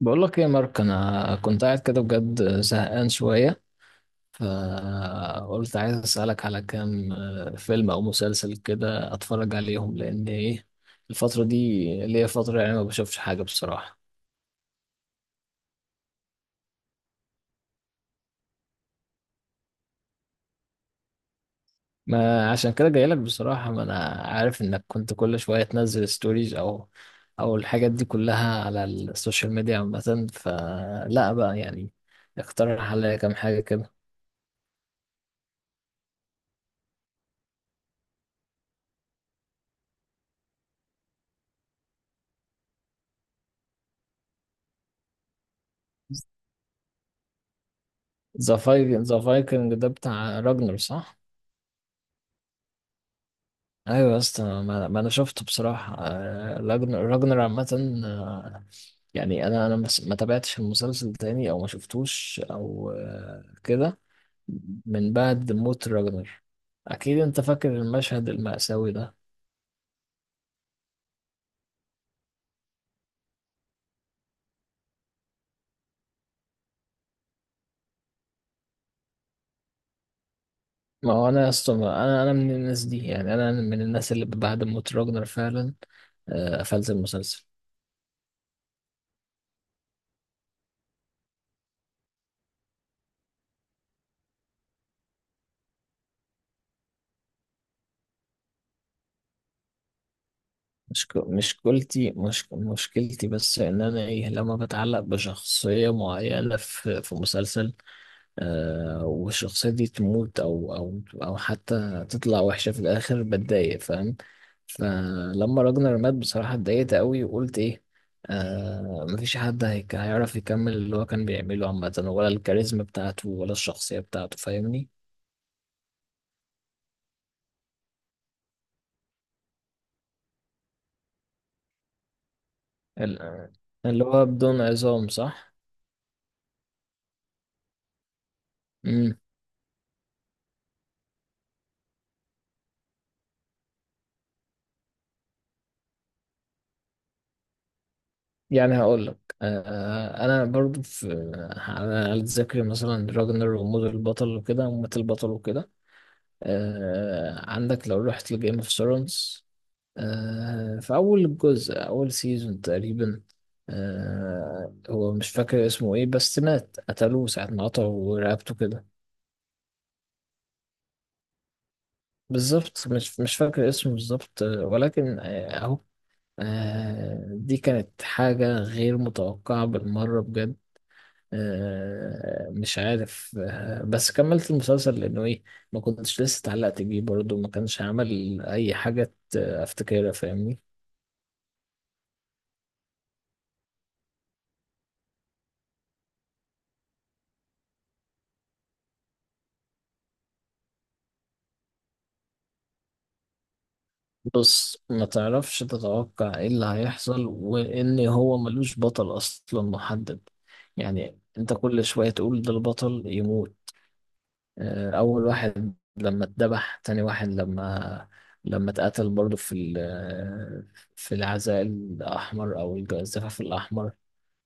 بقول لك ايه يا مارك، انا كنت قاعد كده بجد زهقان شويه. فقلت عايز اسالك على كام فيلم او مسلسل كده اتفرج عليهم، لان ايه، الفتره دي ليا فتره يعني ما بشوفش حاجه بصراحه. ما عشان كده جاي لك بصراحه. ما انا عارف انك كنت كل شويه تنزل ستوريز او الحاجات دي كلها على السوشيال ميديا عامه، فلا بقى يعني اقترح عليا كام حاجه كده. ذا فايكنج، ذا فايكنج ده بتاع راجنر صح؟ ايوه يا اسطى، ما انا شفته بصراحه. راجنر عامه، يعني انا ما تابعتش المسلسل تاني او ما شفتوش او كده من بعد موت راجنر. اكيد انت فاكر المشهد المأساوي ده. ما هو انا يا اسطى، انا من الناس دي، يعني انا من الناس اللي بعد موت راجنر فعلا قفلت المسلسل. مش مشكلتي بس ان انا ايه، لما بتعلق بشخصيه معينه في مسلسل آه، والشخصية دي تموت أو حتى تطلع وحشة في الآخر بتضايق، فاهم؟ فلما راجنر مات بصراحة اتضايقت أوي وقلت إيه، آه، مفيش حد هيك هيعرف يكمل اللي هو كان بيعمله عامة، ولا الكاريزما بتاعته، ولا الشخصية بتاعته، فاهمني؟ ال- اللي هو بدون عظام صح؟ مم. يعني هقول لك آه، أنا برضو في، على على ذكر مثلا راجنر وموت البطل وكده، ومات البطل وكده، آه عندك لو رحت لجيم اوف ثرونز، آه في أول جزء، أول سيزون تقريبا، آه هو مش فاكر اسمه إيه، بس مات قتلوه ساعة ما قطعوا رقبته كده. بالظبط، مش فاكر اسمه بالظبط ولكن أهو، آه دي كانت حاجة غير متوقعة بالمرة بجد. آه مش عارف، آه بس كملت المسلسل لأنه إيه، ما كنتش لسه اتعلقت بيه برضه، ما كانش عمل أي حاجة أفتكرها فاهمني. بص، ما تعرفش تتوقع ايه اللي هيحصل، وان هو ملوش بطل اصلا محدد. يعني انت كل شوية تقول ده البطل يموت، اول واحد لما اتذبح، تاني واحد لما اتقتل برضه في العزاء الاحمر او الزفاف الاحمر،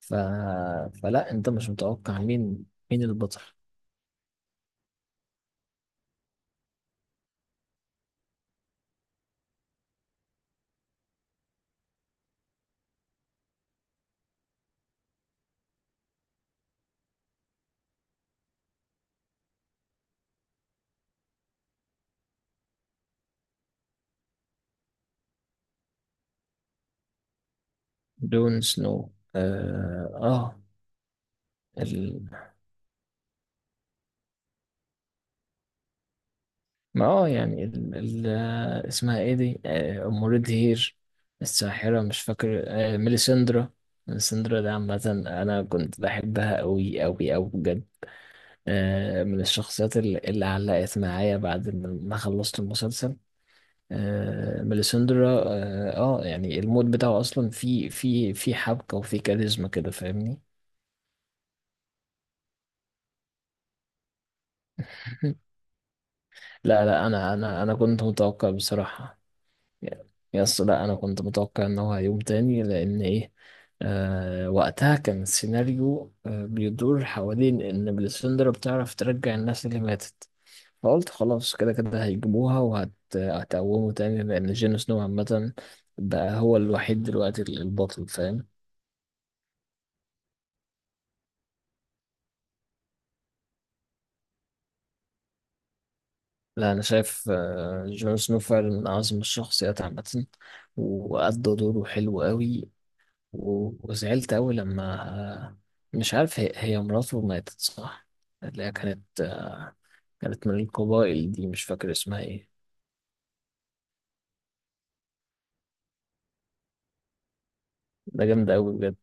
ف... فلا انت مش متوقع مين، مين البطل. جون سنو اه. آه. ما اه، يعني ال اسمها ايه دي، ام ريدهير الساحرة، مش فاكر، ميليسندرا. ميليسندرا ده عامة انا كنت بحبها قوي بجد. من الشخصيات اللي علقت معايا بعد ما خلصت المسلسل. ميليسندرا اه، يعني المود بتاعه اصلا في حبكة وفي كاريزما كده، فاهمني؟ لا انا كنت متوقع بصراحة. يس، لا انا كنت متوقع ان هو هيقوم تاني لان ايه، آه وقتها كان السيناريو آه بيدور حوالين ان بليسندرا بتعرف ترجع الناس اللي ماتت. فقلت خلاص، كده كده هيجيبوها وهتقومه تاني، لان جون سنو عامة بقى هو الوحيد دلوقتي البطل، فاهم؟ لا انا شايف آه جون سنو فعلا من اعظم الشخصيات عامة، وأدى دوره حلو قوي. وزعلت أوي لما، مش عارف، هي مراته ماتت صح؟ اللي هي كانت كانت من القبائل دي، مش فاكر اسمها ايه. ده جامدة أوي بجد.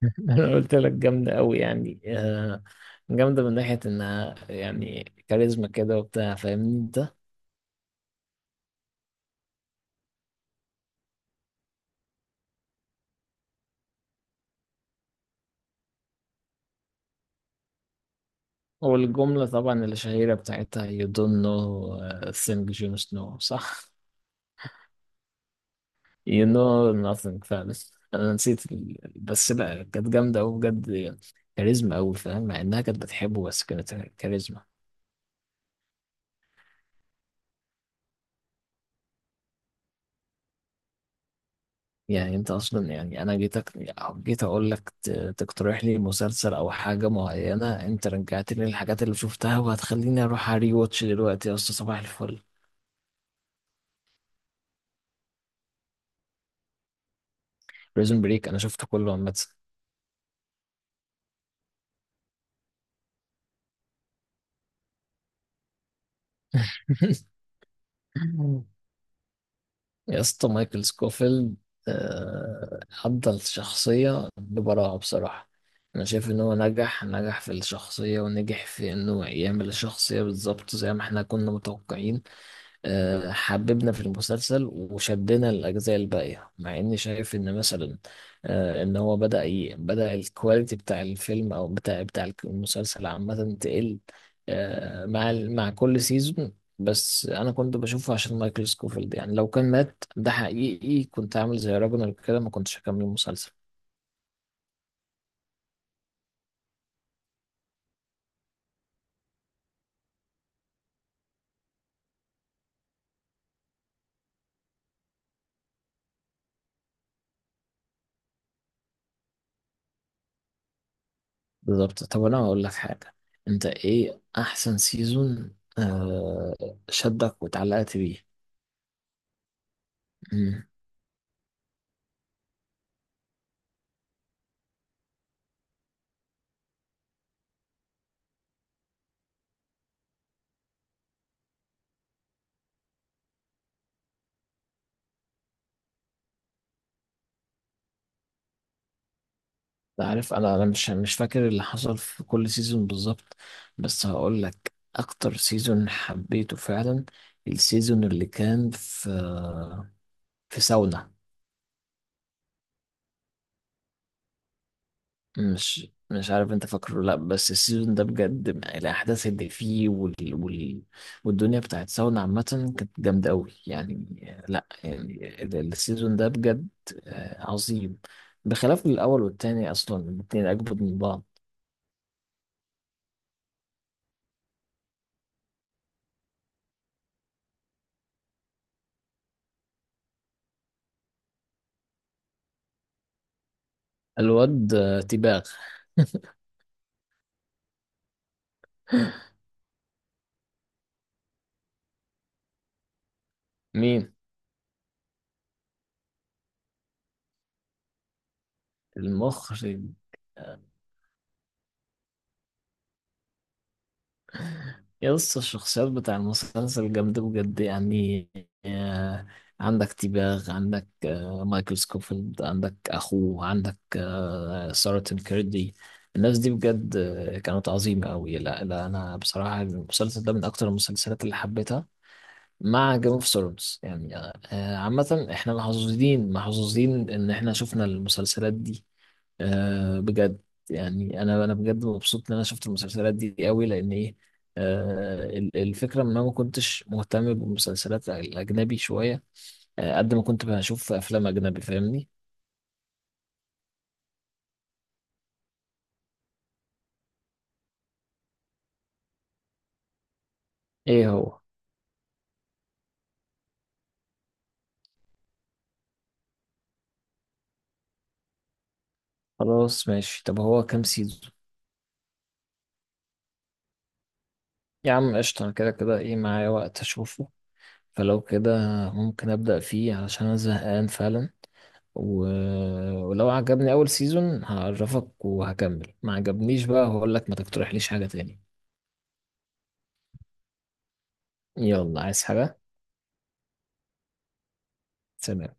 أنا قلت لك جامدة أوي يعني، جامدة من ناحية إنها يعني كاريزما كده وبتاع، فاهمني أنت؟ والجملة طبعا الشهيرة بتاعتها you don't know a thing Jon Snow صح؟ You know nothing فعلا. انا نسيت بس لا كانت جامده قوي بجد، كاريزما قوي، فاهم؟ مع انها كانت بتحبه، بس كانت كاريزما. يعني انت اصلا، يعني انا جيتك، جيت اقول لك تقترح لي مسلسل او حاجه معينه، انت رجعت لي الحاجات اللي شفتها، وهتخليني اروح اري واتش دلوقتي يا اسطى. صباح الفل. بريزون بريك انا شفته كله. عامه يا اسطى مايكل سكوفيلد، آه، أدى الشخصية ببراعة بصراحة. أنا شايف إن هو نجح في الشخصية، ونجح في إنه يعمل الشخصية بالظبط زي ما إحنا كنا متوقعين. حببنا في المسلسل، وشدنا الأجزاء الباقية، مع إني شايف إن مثلا إن هو بدأ الكواليتي بتاع الفيلم أو بتاع المسلسل عامة تقل مع مع كل سيزون. بس أنا كنت بشوفه عشان مايكل سكوفيلد، يعني لو كان مات ده حقيقي كنت عامل زي راجنر كده، ما كنتش هكمل المسلسل. بالظبط. طب أنا هقول لك حاجة، أنت إيه أحسن سيزون شدك واتعلقت بيه؟ أنت عارف، انا مش فاكر اللي حصل في كل سيزون بالظبط، بس هقول لك اكتر سيزون حبيته فعلا، السيزون اللي كان في، في ساونا. مش عارف انت فاكره ولا لا، بس السيزون ده بجد الاحداث اللي فيه والدنيا بتاعت ساونا عامه كانت جامده قوي يعني. لا يعني السيزون ده بجد عظيم، بخلاف الاول والتاني اصلا، الاتنين اجمد من بعض. الواد تيباغ. مين؟ المخرج. يا اسطى، الشخصيات بتاع المسلسل جامدة بجد يعني، آه، عندك تيباغ، عندك مايكل سكوفيلد، عندك أخوه، عندك سارة كيردي. الناس دي بجد كانت عظيمة أوي. لا أنا بصراحة المسلسل ده من أكتر المسلسلات اللي حبيتها مع جيم اوف ثرونز يعني. عامة احنا محظوظين، محظوظين ان احنا شفنا المسلسلات دي بجد. يعني انا بجد مبسوط ان انا شفت المسلسلات دي قوي، لان ايه، الفكرة ان انا ما كنتش مهتم بالمسلسلات الاجنبي شوية، قد ما كنت بشوف افلام اجنبي، فاهمني؟ ايه هو؟ خلاص ماشي، طب هو كام سيزون؟ يا عم قشطة، انا كده كده ايه معايا وقت اشوفه، فلو كده ممكن ابدأ فيه علشان انا زهقان فعلا. و... ولو عجبني اول سيزون هعرفك وهكمل، ما عجبنيش بقى هقول لك ما تقترحليش حاجة تاني. يلا، عايز حاجة؟ سلام.